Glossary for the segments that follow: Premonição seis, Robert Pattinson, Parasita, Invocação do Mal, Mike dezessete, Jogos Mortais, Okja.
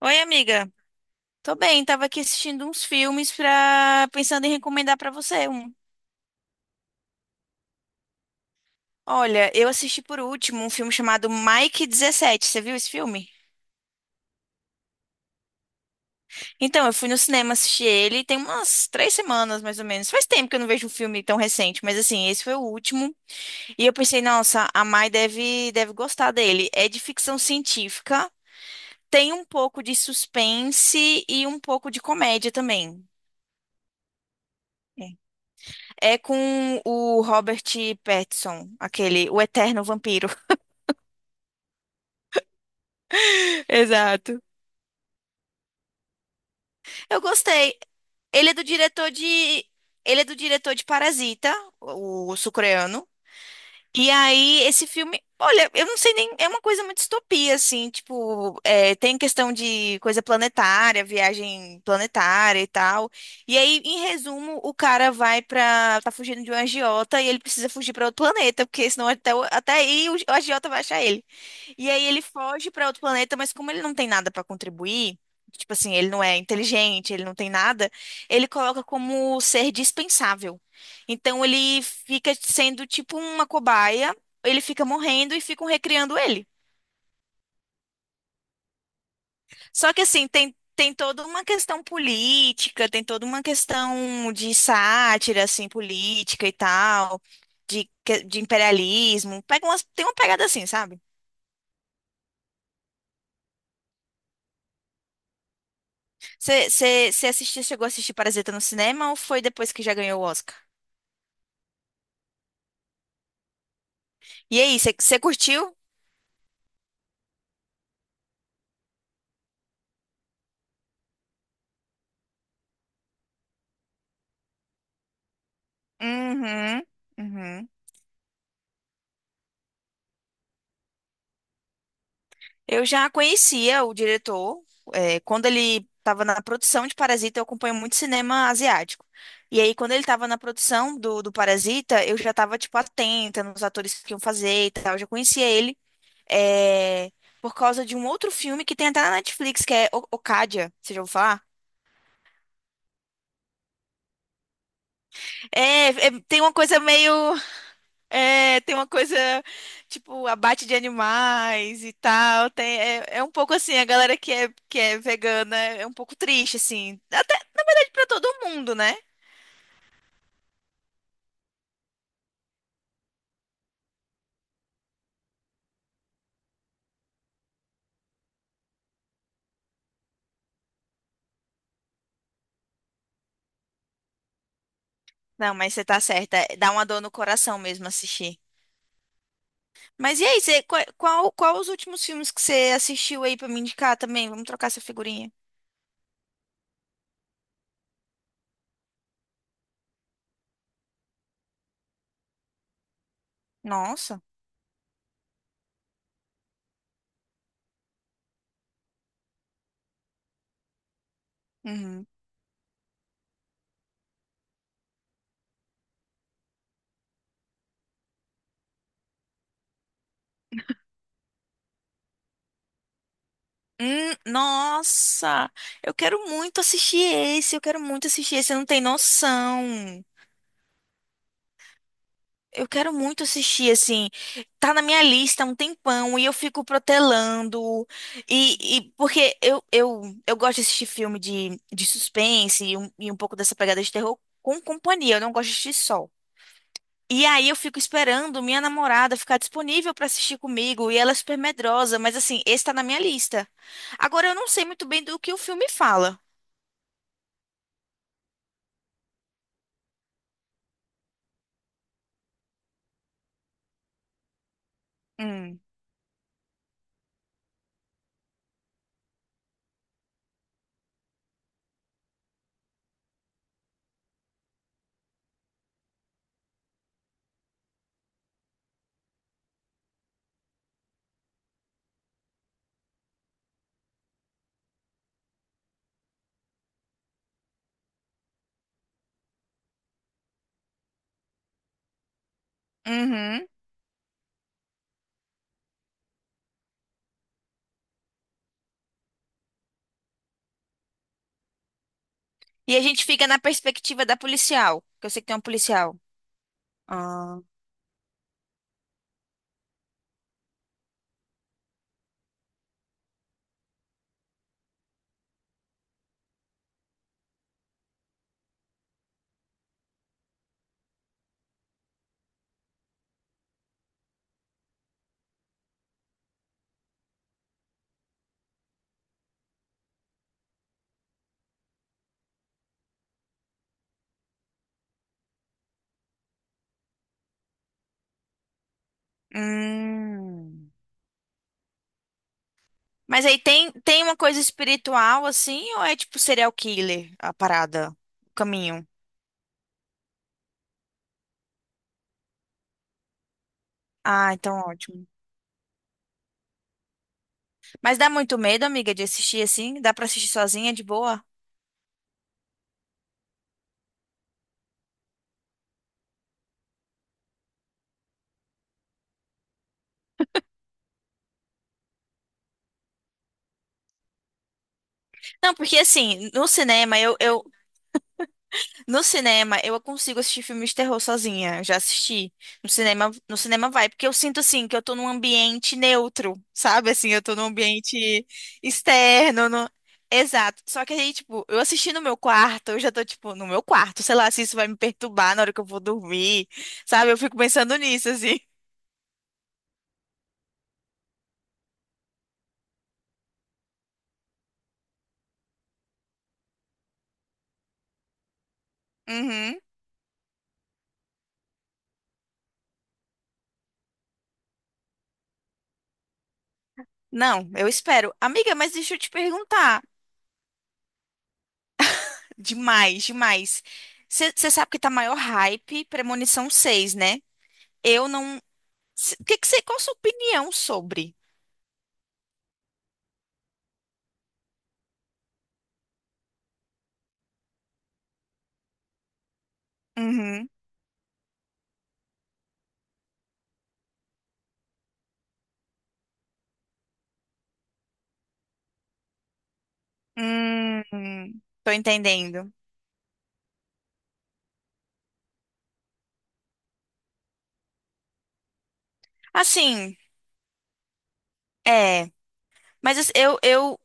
Oi, amiga. Tô bem, tava aqui assistindo uns filmes pensando em recomendar pra você um. Olha, eu assisti por último um filme chamado Mike 17. Você viu esse filme? Então, eu fui no cinema assistir ele tem umas 3 semanas, mais ou menos. Faz tempo que eu não vejo um filme tão recente, mas assim, esse foi o último. E eu pensei, nossa, a Mai deve gostar dele. É de ficção científica, tem um pouco de suspense e um pouco de comédia também. É com o Robert Pattinson, aquele, o eterno vampiro. Exato. Eu gostei. Ele é do diretor de, Ele é do diretor de Parasita, o sul-coreano. E aí, esse filme, olha, eu não sei nem, é uma coisa muito distopia, assim, tipo, é, tem questão de coisa planetária, viagem planetária e tal. E aí, em resumo, o cara vai pra, tá fugindo de um agiota e ele precisa fugir pra outro planeta, porque senão até, até aí o agiota vai achar ele. E aí ele foge pra outro planeta, mas como ele não tem nada pra contribuir, tipo assim, ele não é inteligente, ele não tem nada, ele coloca como ser dispensável. Então ele fica sendo tipo uma cobaia, ele fica morrendo e ficam recriando ele. Só que assim, tem toda uma questão política, tem toda uma questão de sátira, assim, política e tal, de imperialismo. Tem uma pegada assim, sabe? Você assistiu, chegou a assistir Parasita no cinema ou foi depois que já ganhou o Oscar? E aí, você curtiu? Uhum, uhum. Eu já conhecia o diretor, quando ele estava na produção de Parasita, eu acompanho muito cinema asiático. E aí, quando ele estava na produção do Parasita, eu já estava, tipo, atenta nos atores que iam fazer e tal. Eu já conhecia ele, eh, por causa de um outro filme que tem até na Netflix, que é Okja, você já ouviu falar? É, tem uma coisa meio. É, tem uma coisa, tipo, abate de animais e tal. Tem, é um pouco assim, a galera que é vegana é um pouco triste, assim. Até, na verdade, pra todo mundo, né? Não, mas você tá certa. Dá uma dor no coração mesmo assistir. Mas e aí, qual, os últimos filmes que você assistiu aí pra me indicar também? Vamos trocar essa figurinha. Nossa. Uhum. Nossa, eu quero muito assistir esse, eu quero muito assistir esse, você não tem noção. Eu quero muito assistir, assim, tá na minha lista há um tempão e eu fico protelando. Porque eu gosto de assistir filme de suspense e um pouco dessa pegada de terror com companhia, eu não gosto de assistir só. E aí eu fico esperando minha namorada ficar disponível pra assistir comigo e ela é super medrosa, mas assim, esse tá na minha lista. Agora eu não sei muito bem do que o filme fala. Hum. Uhum. E a gente fica na perspectiva da policial, que eu sei que tem uma policial. Hum. Mas aí tem uma coisa espiritual assim, ou é tipo serial killer a parada, o caminho? Ah, então ótimo. Mas dá muito medo, amiga, de assistir assim? Dá pra assistir sozinha de boa? Não, porque assim, no cinema eu. No cinema, eu consigo assistir filmes de terror sozinha. Já assisti. No cinema, no cinema vai, porque eu sinto assim que eu tô num ambiente neutro, sabe? Assim, eu tô num ambiente externo. No... Exato. Só que aí, tipo, eu assisti no meu quarto, eu já tô, tipo, no meu quarto, sei lá, se isso vai me perturbar na hora que eu vou dormir, sabe? Eu fico pensando nisso, assim. Uhum. Não, eu espero. Amiga, mas deixa eu te perguntar. Demais, demais. Você sabe que tá maior hype Premonição 6, né? Eu não. Se- O Que que você, qual a sua opinião sobre? Uhum. Tô entendendo. Assim, é, mas assim, eu, eu,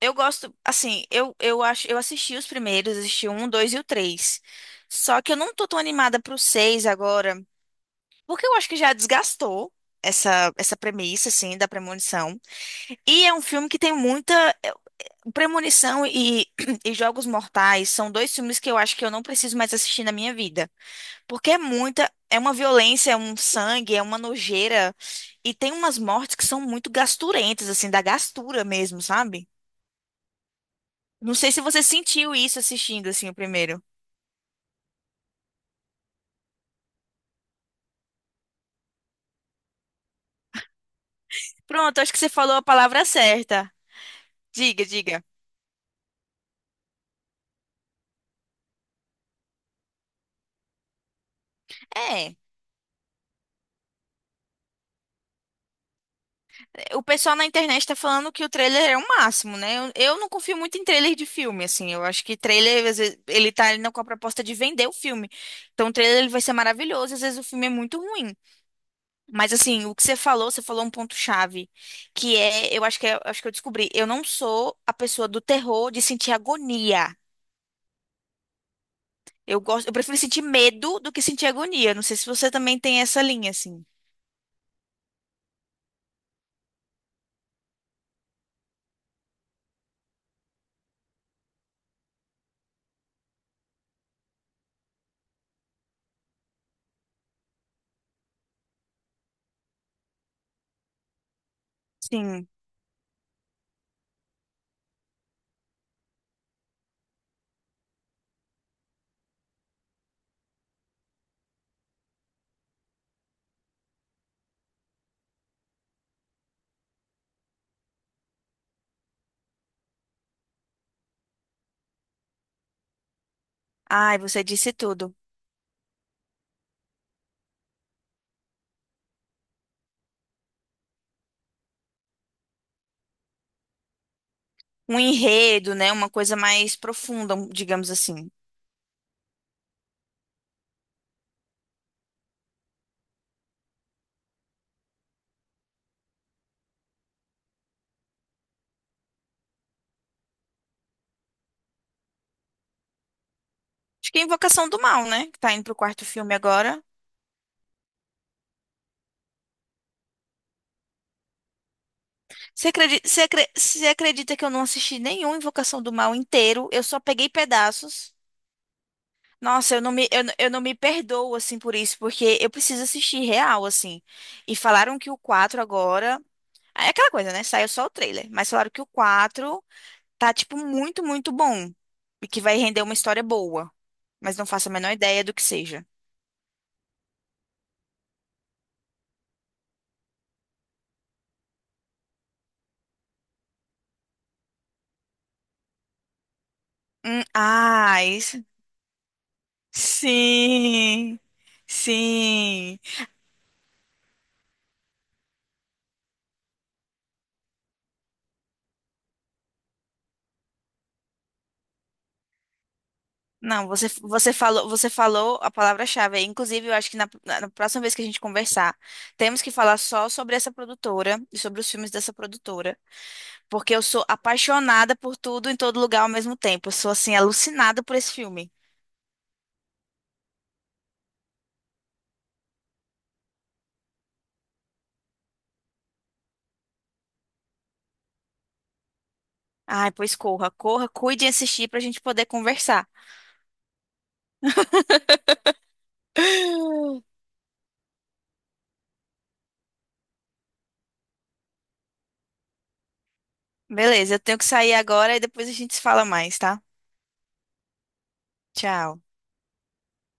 eu gosto, assim, eu acho, eu assisti os primeiros, assisti o um, o dois e o três. Só que eu não tô tão animada pro seis agora, porque eu acho que já desgastou essa premissa, assim, da premonição. E é um filme que tem muita é, premonição e, e Jogos Mortais são dois filmes que eu acho que eu não preciso mais assistir na minha vida. Porque é muita, é uma violência, é um sangue, é uma nojeira. E tem umas mortes que são muito gasturentas, assim, da gastura mesmo, sabe? Não sei se você sentiu isso assistindo, assim, o primeiro. Pronto, acho que você falou a palavra certa. Diga, diga. É, o pessoal na internet tá falando que o trailer é o máximo, né? Eu não confio muito em trailer de filme, assim. Eu acho que trailer, às vezes, ele tá ali com a proposta de vender o filme. Então, o trailer ele vai ser maravilhoso, às vezes o filme é muito ruim. Mas assim, o que você falou um ponto-chave, que é, eu acho que eu acho que eu descobri, eu não sou a pessoa do terror de sentir agonia. Eu prefiro sentir medo do que sentir agonia. Não sei se você também tem essa linha assim. Sim. Ai, você disse tudo. Um enredo, né? Uma coisa mais profunda, digamos assim. Acho que é Invocação do Mal, né? Que tá indo pro quarto filme agora. Você acredita que eu não assisti nenhum Invocação do Mal inteiro? Eu só peguei pedaços. Nossa, eu não me perdoo, assim, por isso, porque eu preciso assistir real, assim. E falaram que o 4 agora. É aquela coisa, né? Saiu só o trailer. Mas falaram que o 4 tá, tipo, muito, muito bom. E que vai render uma história boa. Mas não faço a menor ideia do que seja. Ah, isso. Sim. Sim. Não, você falou a palavra-chave aí. Inclusive, eu acho que na próxima vez que a gente conversar, temos que falar só sobre essa produtora e sobre os filmes dessa produtora, porque eu sou apaixonada por tudo em todo lugar ao mesmo tempo. Eu sou assim alucinada por esse filme. Ai, pois corra, corra, cuide de assistir pra gente poder conversar. Beleza, eu tenho que sair agora e depois a gente se fala mais, tá? Tchau.